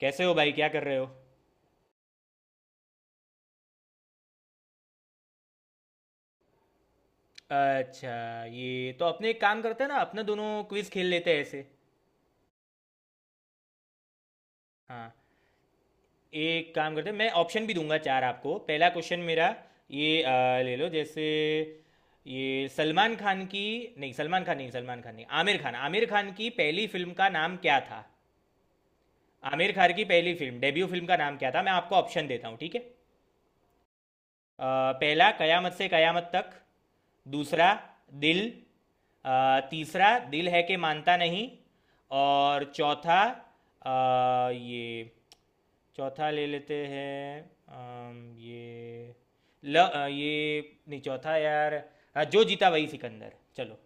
कैसे हो भाई? क्या कर रहे हो? अच्छा, ये तो अपने एक काम करते हैं ना, अपने दोनों क्विज खेल लेते हैं ऐसे। हाँ, एक काम करते हैं, मैं ऑप्शन भी दूंगा चार आपको। पहला क्वेश्चन मेरा ये ले लो जैसे। ये सलमान खान की, नहीं सलमान खान नहीं, सलमान खान नहीं, आमिर खान, आमिर खान की पहली फिल्म का नाम क्या था? आमिर खान की पहली फिल्म, डेब्यू फिल्म का नाम क्या था? मैं आपको ऑप्शन देता हूँ, ठीक है। अ, पहला कयामत से कयामत तक, दूसरा दिल, अ, तीसरा दिल है कि मानता नहीं, और चौथा अ, ये। चौथा ले लेते हैं। ये ये, नहीं चौथा यार। हाँ, जो जीता वही सिकंदर, चलो।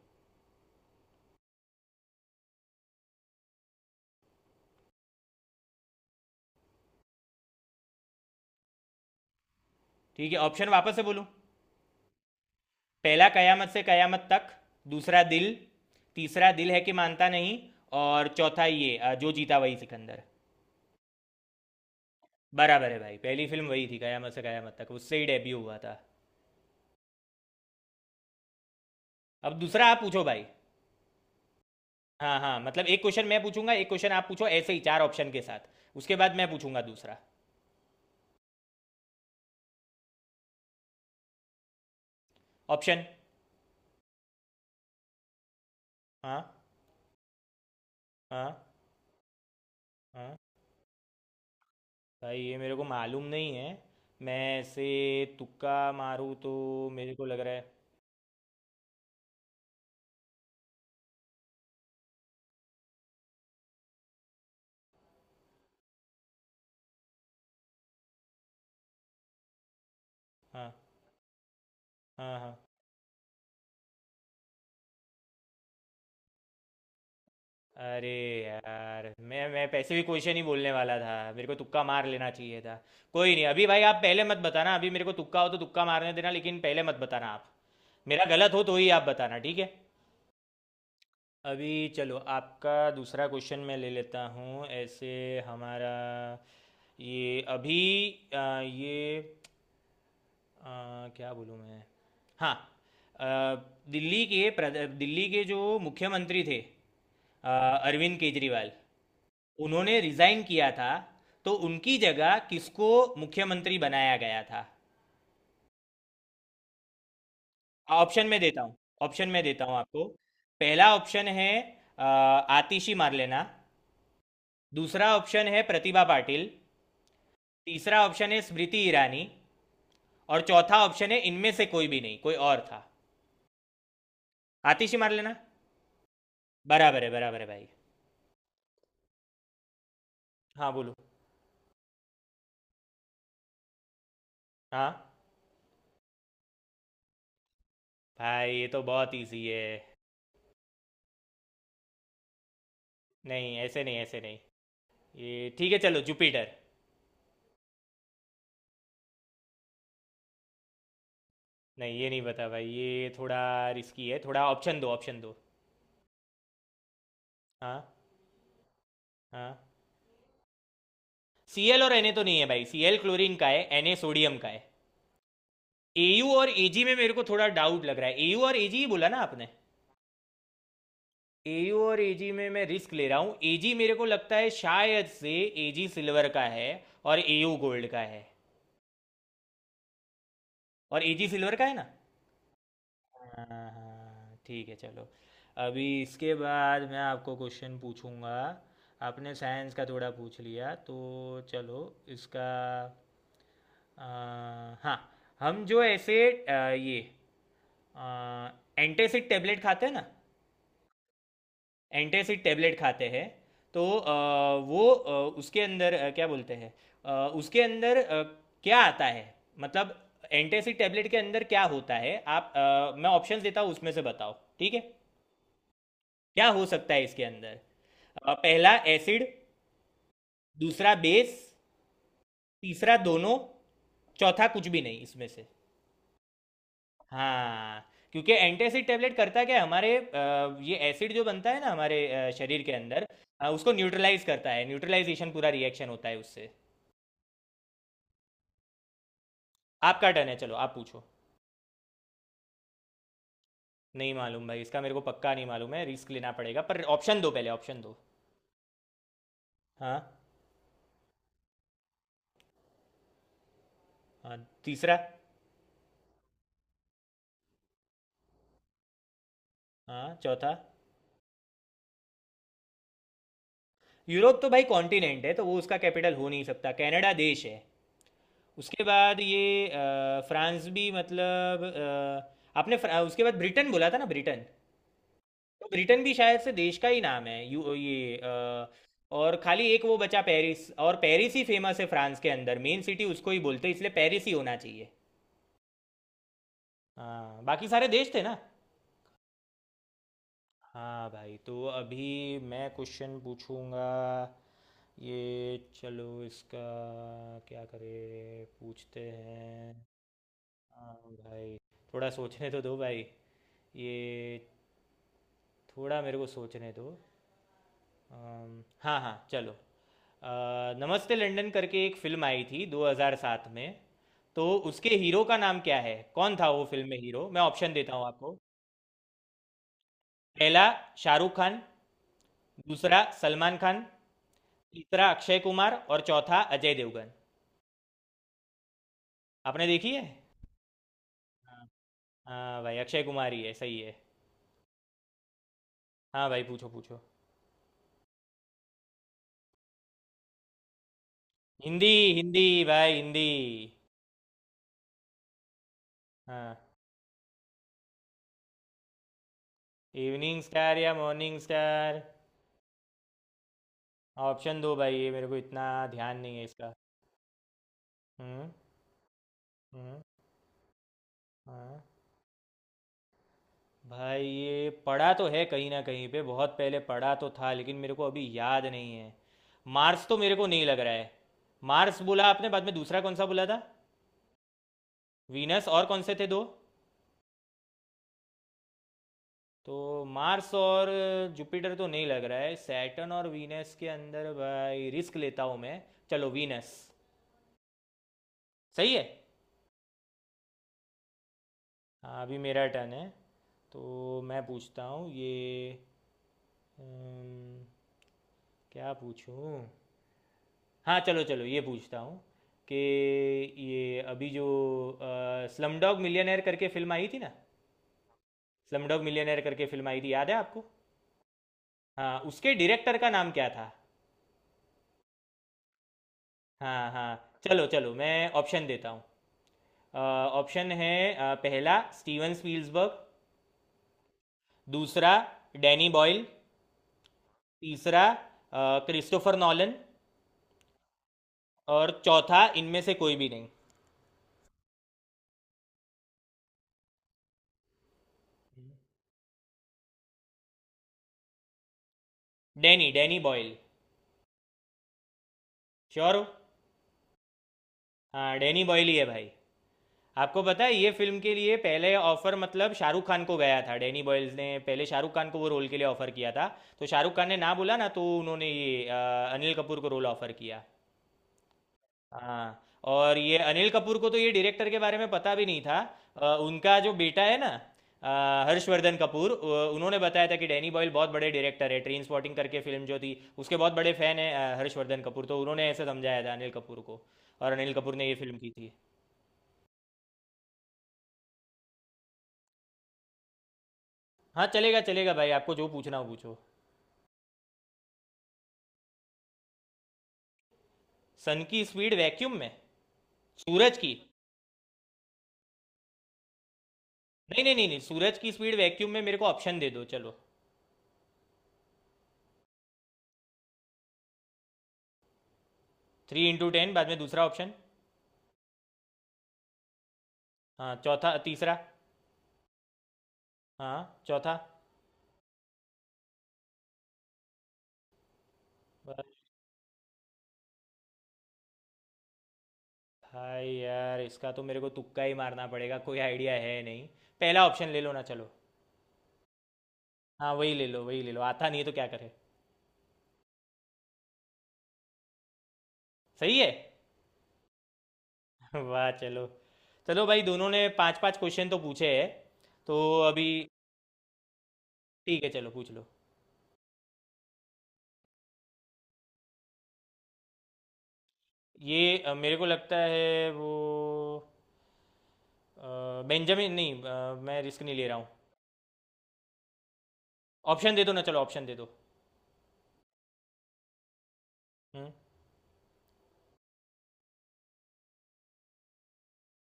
ठीक है, ऑप्शन वापस से बोलूँ? पहला कयामत से कयामत तक, दूसरा दिल, तीसरा दिल है कि मानता नहीं, और चौथा ये जो जीता वही सिकंदर। बराबर है भाई, पहली फिल्म वही थी कयामत से कयामत तक, उससे ही डेब्यू हुआ था। अब दूसरा आप पूछो भाई। हाँ हाँ, मतलब एक क्वेश्चन मैं पूछूंगा, एक क्वेश्चन आप पूछो ऐसे ही चार ऑप्शन के साथ। उसके बाद मैं पूछूंगा दूसरा। ऑप्शन। हाँ। हाँ हाँ। भाई ये मेरे को मालूम नहीं है। मैं ऐसे तुक्का मारूँ तो? मेरे को लग रहा है। हाँ हाँ हाँ। अरे यार, मैं पैसे भी क्वेश्चन ही बोलने वाला था, मेरे को तुक्का मार लेना चाहिए था। कोई नहीं, अभी भाई आप पहले मत बताना, अभी मेरे को तुक्का हो तो तुक्का मारने देना, लेकिन पहले मत बताना आप। मेरा गलत हो तो ही आप बताना, ठीक है। अभी चलो, आपका दूसरा क्वेश्चन मैं ले लेता हूँ ऐसे। हमारा ये अभी ये, क्या बोलूँ मैं? हाँ। अ, दिल्ली के जो मुख्यमंत्री थे, अरविंद केजरीवाल, उन्होंने रिजाइन किया था, तो उनकी जगह किसको मुख्यमंत्री बनाया गया था? ऑप्शन में देता हूँ, ऑप्शन में देता हूँ आपको। पहला ऑप्शन है अ, आतिशी मारलेना, दूसरा ऑप्शन है प्रतिभा पाटिल, तीसरा ऑप्शन है स्मृति ईरानी, और चौथा ऑप्शन है इनमें से कोई भी नहीं, कोई और था। आतिशी मारलेना। बराबर है, बराबर है भाई। हाँ बोलो। हाँ भाई ये तो बहुत इजी है। नहीं ऐसे नहीं, ऐसे नहीं। ये ठीक है, चलो जुपिटर। नहीं ये नहीं बता भाई, ये थोड़ा रिस्की है, थोड़ा ऑप्शन दो, ऑप्शन दो। हाँ। हाँ। सी एल और एन ए तो नहीं है भाई, सी एल क्लोरीन का है, एन ए सोडियम का है। ए यू और ए जी में मेरे को थोड़ा डाउट लग रहा है। ए यू और ए जी ही बोला ना आपने? ए यू और ए जी में मैं रिस्क ले रहा हूँ। ए जी, मेरे को लगता है शायद से ए जी सिल्वर का है और ए यू गोल्ड का है। और ए जी सिल्वर का है ना? हाँ हाँ, ठीक है चलो। अभी इसके बाद मैं आपको क्वेश्चन पूछूंगा, आपने साइंस का थोड़ा पूछ लिया तो। चलो इसका अ, हाँ, हम जो ऐसे ये एंटासिड टेबलेट खाते हैं ना, एंटासिड टेबलेट खाते हैं, तो वो उसके अंदर क्या बोलते हैं, अ, उसके अंदर क्या आता है, मतलब एंटासिड टेबलेट के अंदर क्या होता है? आप मैं ऑप्शंस देता हूँ, उसमें से बताओ, ठीक है। क्या हो सकता है इसके अंदर? पहला एसिड, दूसरा बेस, तीसरा दोनों, चौथा कुछ भी नहीं इसमें से। हाँ। क्योंकि एंटासिड टेबलेट करता क्या है, हमारे ये एसिड जो बनता है ना हमारे शरीर के अंदर, उसको न्यूट्रलाइज करता है, न्यूट्रलाइजेशन पूरा रिएक्शन होता है उससे। आपका टर्न है, चलो आप पूछो। नहीं मालूम भाई, इसका मेरे को पक्का नहीं मालूम है, रिस्क लेना पड़ेगा, पर ऑप्शन दो, पहले ऑप्शन दो। हाँ। हाँ। तीसरा। हाँ चौथा। यूरोप तो भाई कॉन्टिनेंट है, तो वो उसका कैपिटल हो नहीं सकता। कनाडा देश है। उसके बाद ये फ्रांस भी मतलब उसके बाद ब्रिटेन बोला था ना, ब्रिटेन। तो ब्रिटेन भी शायद से देश का ही नाम है। यू ये और खाली एक वो बचा पेरिस, और पेरिस ही फेमस है फ्रांस के अंदर मेन सिटी, उसको ही बोलते हैं, इसलिए पेरिस ही होना चाहिए। हाँ, बाकी सारे देश थे ना। हाँ भाई, तो अभी मैं क्वेश्चन पूछूंगा। ये चलो इसका, क्या करें पूछते हैं? हाँ भाई, थोड़ा सोचने तो दो भाई, ये थोड़ा मेरे को सोचने दो। हाँ हाँ चलो। नमस्ते लंदन करके एक फिल्म आई थी 2007 में, तो उसके हीरो का नाम क्या है? कौन था वो फिल्म में हीरो? मैं ऑप्शन देता हूँ आपको। पहला शाहरुख खान, दूसरा सलमान खान, तीसरा अक्षय कुमार, और चौथा अजय देवगन। आपने देखी है? हाँ। हाँ भाई, अक्षय कुमार ही है, सही है। हाँ भाई पूछो पूछो। हिंदी हिंदी भाई हिंदी। हाँ। इवनिंग स्टार या मॉर्निंग स्टार? ऑप्शन दो भाई, ये मेरे को इतना ध्यान नहीं है इसका। हम्म। हम्म। हाँ भाई, ये पढ़ा तो है कहीं ना कहीं पे, बहुत पहले पढ़ा तो था, लेकिन मेरे को अभी याद नहीं है। मार्स तो मेरे को नहीं लग रहा है। मार्स बोला आपने, बाद में दूसरा कौन सा बोला था? वीनस और कौन से थे दो? तो मार्स और जुपिटर तो नहीं लग रहा है, सैटर्न और वीनस के अंदर भाई रिस्क लेता हूँ मैं। चलो वीनस। सही है। हाँ अभी मेरा टर्न है, तो मैं पूछता हूँ ये अम, क्या पूछूँ? हाँ चलो चलो, ये पूछता हूँ कि ये अभी जो स्लम डॉग मिलियनेयर करके फिल्म आई थी ना, स्लम डॉग मिलियनेयर करके फिल्म आई थी, याद है आपको? हाँ उसके डायरेक्टर का नाम क्या था? हाँ हाँ चलो चलो, मैं ऑप्शन देता हूँ। अ, ऑप्शन है पहला स्टीवन स्पील्सबर्ग, दूसरा डैनी बॉयल, तीसरा क्रिस्टोफर नॉलन, और चौथा इनमें से कोई भी नहीं। Danny Danny Boyle. श्योर हो? हाँ डैनी बॉयल ही है भाई। आपको पता है, ये फिल्म के लिए पहले ऑफर मतलब शाहरुख खान को गया था, डैनी बॉयल्स ने पहले शाहरुख खान को वो रोल के लिए ऑफर किया था। तो शाहरुख खान ने ना बोला ना, तो उन्होंने ये अनिल कपूर को रोल ऑफर किया। हाँ, और ये अनिल कपूर को तो ये डायरेक्टर के बारे में पता भी नहीं था। उनका जो बेटा है ना, हर्षवर्धन कपूर, उन्होंने बताया था कि डैनी बॉयल बहुत बड़े डायरेक्टर है, ट्रेन स्पॉटिंग करके फिल्म जो थी उसके बहुत बड़े फैन है हर्षवर्धन कपूर, तो उन्होंने ऐसे समझाया था अनिल कपूर को, और अनिल कपूर ने ये फिल्म की थी। हाँ चलेगा चलेगा भाई, आपको जो पूछना हो पूछो। सन की स्पीड वैक्यूम में? सूरज की? नहीं नहीं नहीं नहीं, सूरज की स्पीड वैक्यूम में मेरे को ऑप्शन दे दो चलो। थ्री इंटू टेन, बाद में दूसरा ऑप्शन। हाँ चौथा। तीसरा। हाँ चौथा। भाई यार इसका तो मेरे को तुक्का ही मारना पड़ेगा, कोई आइडिया है नहीं। पहला ऑप्शन ले लो ना चलो। हाँ वही ले लो, वही ले लो, आता नहीं है तो क्या करे। सही है। वाह चलो। चलो भाई, दोनों ने पांच पांच क्वेश्चन तो पूछे हैं तो। अभी ठीक है चलो पूछ लो। ये मेरे को लगता है वो बेंजामिन, नहीं मैं रिस्क नहीं ले रहा हूँ। ऑप्शन दे दो ना चलो, ऑप्शन दे दो। हम्म।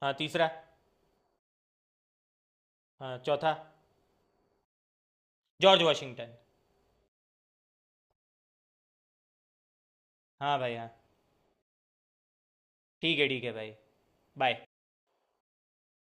हाँ तीसरा। हाँ चौथा। George Washington. हाँ भाई हाँ। ठीक है, ठीक है भाई। बाय।